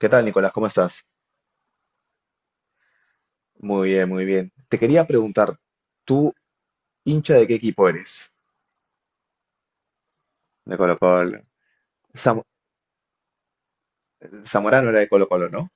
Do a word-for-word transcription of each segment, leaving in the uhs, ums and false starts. ¿Qué tal, Nicolás? ¿Cómo estás? Muy bien, muy bien. Te quería preguntar, ¿tú hincha de qué equipo eres? De Colo Colo. Zam- Zamorano era de Colo Colo, ¿no?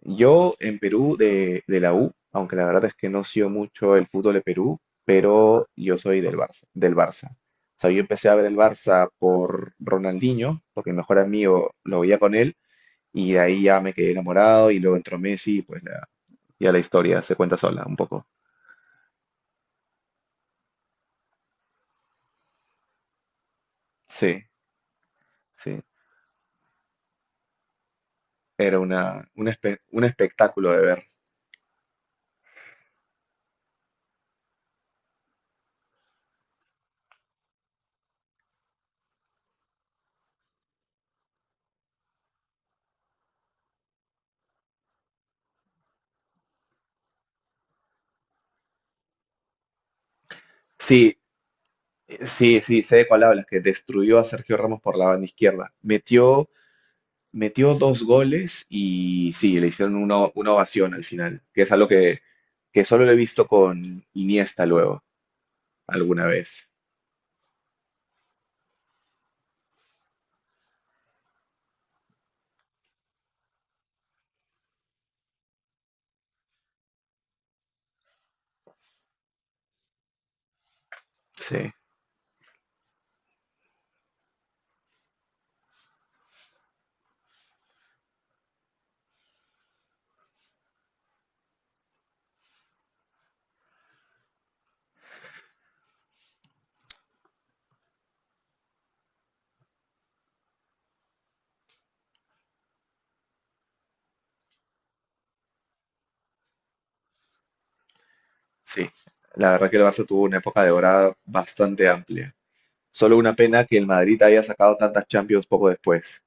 Yo en Perú de, de la U, aunque la verdad es que no sigo mucho el fútbol de Perú, pero yo soy del Barça, del Barça. O sea, yo empecé a ver el Barça por Ronaldinho, porque mi mejor amigo lo veía con él, y de ahí ya me quedé enamorado, y luego entró Messi, y pues la, ya la historia se cuenta sola un poco. Sí, sí. Era una, un, espe- un espectáculo de ver. Sí, sí, sí, sé de cuál hablas, que destruyó a Sergio Ramos por la banda izquierda. Metió, metió dos goles y sí, le hicieron una, una ovación al final, que es algo que, que solo lo he visto con Iniesta luego, alguna vez. Sí, sí. La verdad que el Barça tuvo una época de dorada bastante amplia. Solo una pena que el Madrid haya sacado tantas Champions poco después.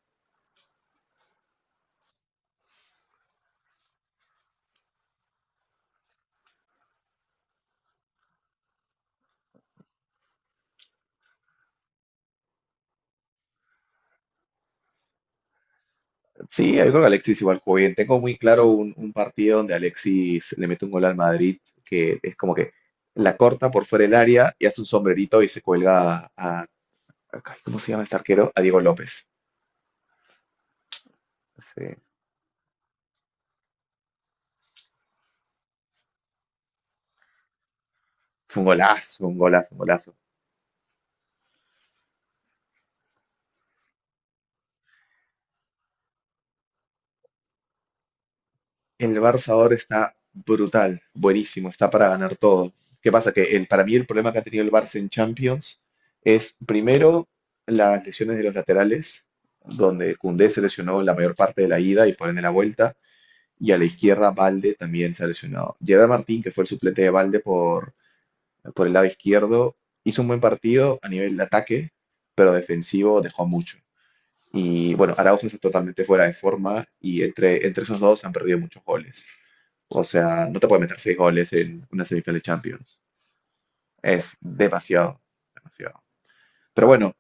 Sí, yo creo que Alexis igual jugó bien. Tengo muy claro un, un partido donde Alexis le mete un gol al Madrid, que es como que la corta por fuera del área y hace un sombrerito y se cuelga a, a- ay, ¿cómo se llama este arquero? A Diego López. Sí. Fue un golazo, un golazo, un golazo. El Barça ahora está brutal, buenísimo, está para ganar todo. ¿Qué pasa? Que el, para mí el problema que ha tenido el Barça en Champions es primero las lesiones de los laterales, donde Koundé se lesionó la mayor parte de la ida y por ende la vuelta. Y a la izquierda Valde también se ha lesionado. Gerard Martín, que fue el suplente de Valde por, por el lado izquierdo, hizo un buen partido a nivel de ataque, pero defensivo dejó mucho. Y bueno, Araujo está totalmente fuera de forma y entre, entre esos dos han perdido muchos goles. O sea, no te puede meter seis goles en una semifinal de Champions. Es demasiado, demasiado. Pero bueno,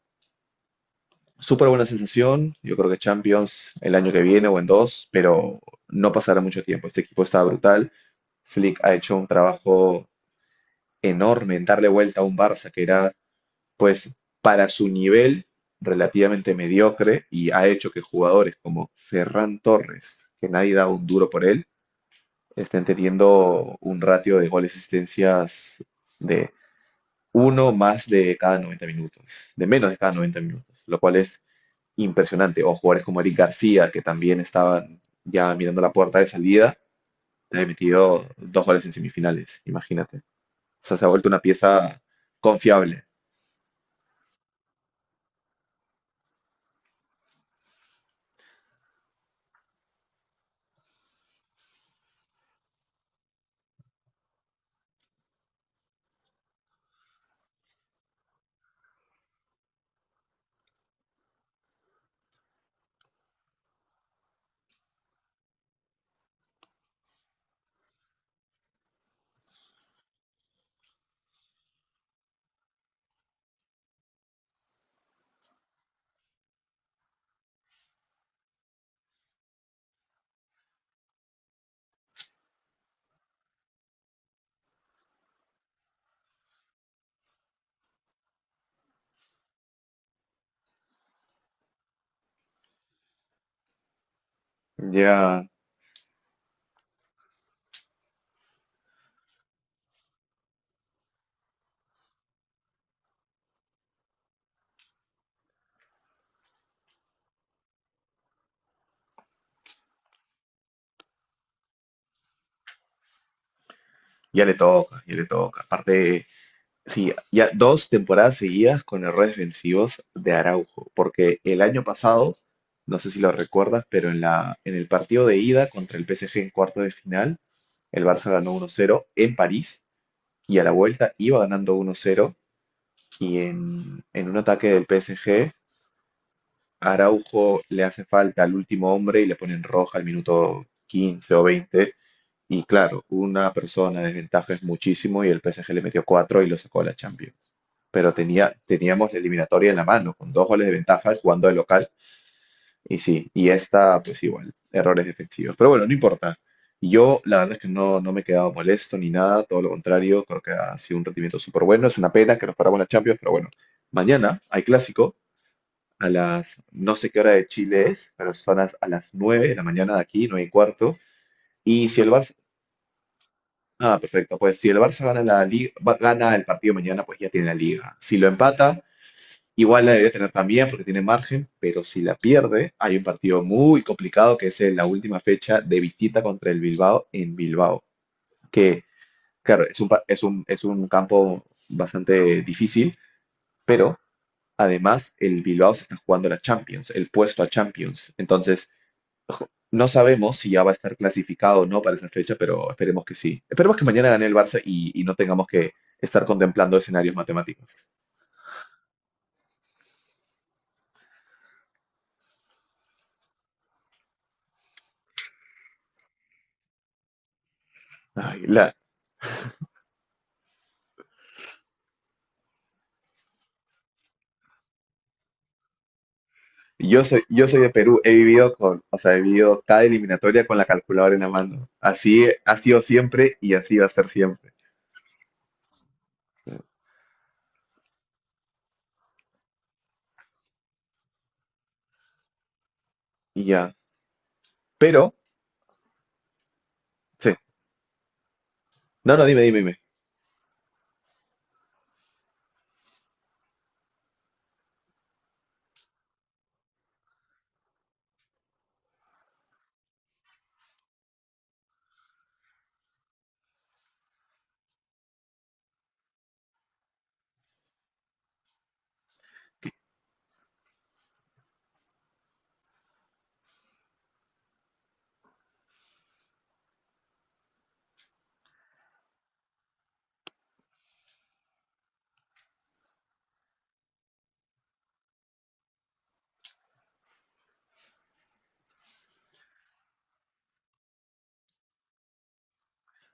súper buena sensación. Yo creo que Champions el año que viene o en dos, pero no pasará mucho tiempo. Este equipo está brutal. Flick ha hecho un trabajo enorme en darle vuelta a un Barça que era, pues, para su nivel relativamente mediocre y ha hecho que jugadores como Ferran Torres, que nadie da un duro por él, estén teniendo un ratio de goles y asistencias de uno más de cada noventa minutos, de menos de cada noventa minutos, lo cual es impresionante. O jugadores como Eric García, que también estaban ya mirando la puerta de salida, te ha metido dos goles en semifinales, imagínate. O sea, se ha vuelto una pieza confiable. Ya, ya le toca, ya le toca. Aparte, sí, ya dos temporadas seguidas con errores defensivos de Araujo, porque el año pasado, no sé si lo recuerdas, pero en la, en el partido de ida contra el P S G en cuarto de final, el Barça ganó uno cero en París y a la vuelta iba ganando uno cero y en, en un ataque del P S G, Araujo le hace falta al último hombre y le ponen roja al minuto quince o veinte y claro, una persona de desventaja es muchísimo y el P S G le metió cuatro y lo sacó a la Champions. Pero tenía, teníamos la eliminatoria en la mano, con dos goles de ventaja jugando de local. Y sí, y esta, pues igual, errores efectivos. Pero bueno, no importa. Yo, la verdad es que no, no me he quedado molesto ni nada, todo lo contrario, creo que ha sido un rendimiento súper bueno. Es una pena que nos paramos en la Champions, pero bueno, mañana hay clásico a las, no sé qué hora de Chile es, pero son las- a las nueve de la mañana de aquí, nueve y cuarto. Y si el Barça, ah, perfecto, pues si el Barça gana, la liga, gana el partido mañana, pues ya tiene la liga. Si lo empata, igual la debería tener también porque tiene margen, pero si la pierde, hay un partido muy complicado que es en la última fecha de visita contra el Bilbao en Bilbao, que claro, es un, pa- es un, es un campo bastante difícil, pero además el Bilbao se está jugando la Champions, el puesto a Champions. Entonces, ojo, no sabemos si ya va a estar clasificado o no para esa fecha, pero esperemos que sí. Esperemos que mañana gane el Barça y, y no tengamos que estar contemplando escenarios matemáticos. Ay, la, yo soy, yo soy de Perú, he vivido con, o sea, he vivido cada eliminatoria con la calculadora en la mano. Así ha sido siempre y así va a ser siempre. Y ya. Pero, sí. No, no, dime, dime, dime.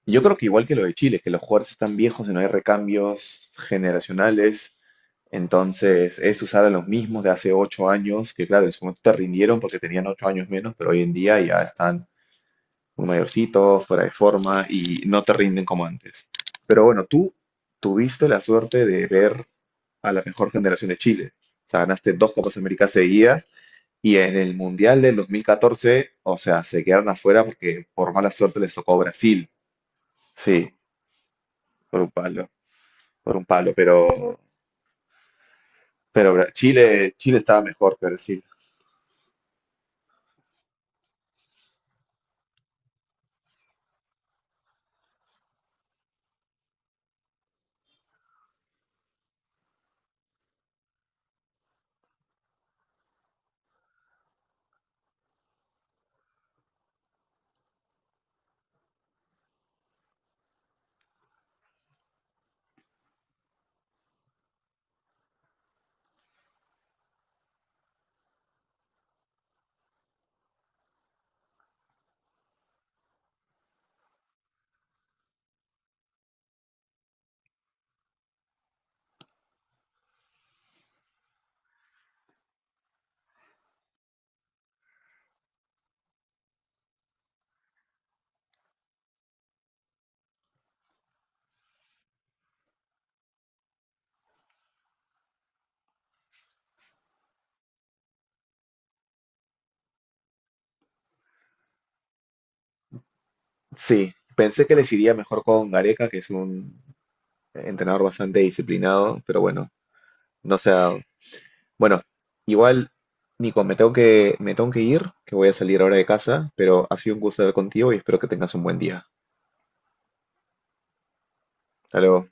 Yo creo que igual que lo de Chile, que los jugadores están viejos y no hay recambios generacionales. Entonces, es usar a los mismos de hace ocho años, que claro, en su momento te rindieron porque tenían ocho años menos, pero hoy en día ya están muy mayorcitos, fuera de forma y no te rinden como antes. Pero bueno, tú tuviste la suerte de ver a la mejor generación de Chile. O sea, ganaste dos Copas Américas seguidas y en el Mundial del dos mil catorce, o sea, se quedaron afuera porque por mala suerte les tocó Brasil. Sí, por un palo, por un palo, pero, pero Bra- Chile, Chile estaba mejor que Brasil. Sí, pensé que les iría mejor con Gareca, que es un entrenador bastante disciplinado, pero bueno, no se ha dado. Bueno, igual, Nico, me tengo que, me tengo que ir, que voy a salir ahora de casa, pero ha sido un gusto hablar contigo y espero que tengas un buen día. Hasta luego.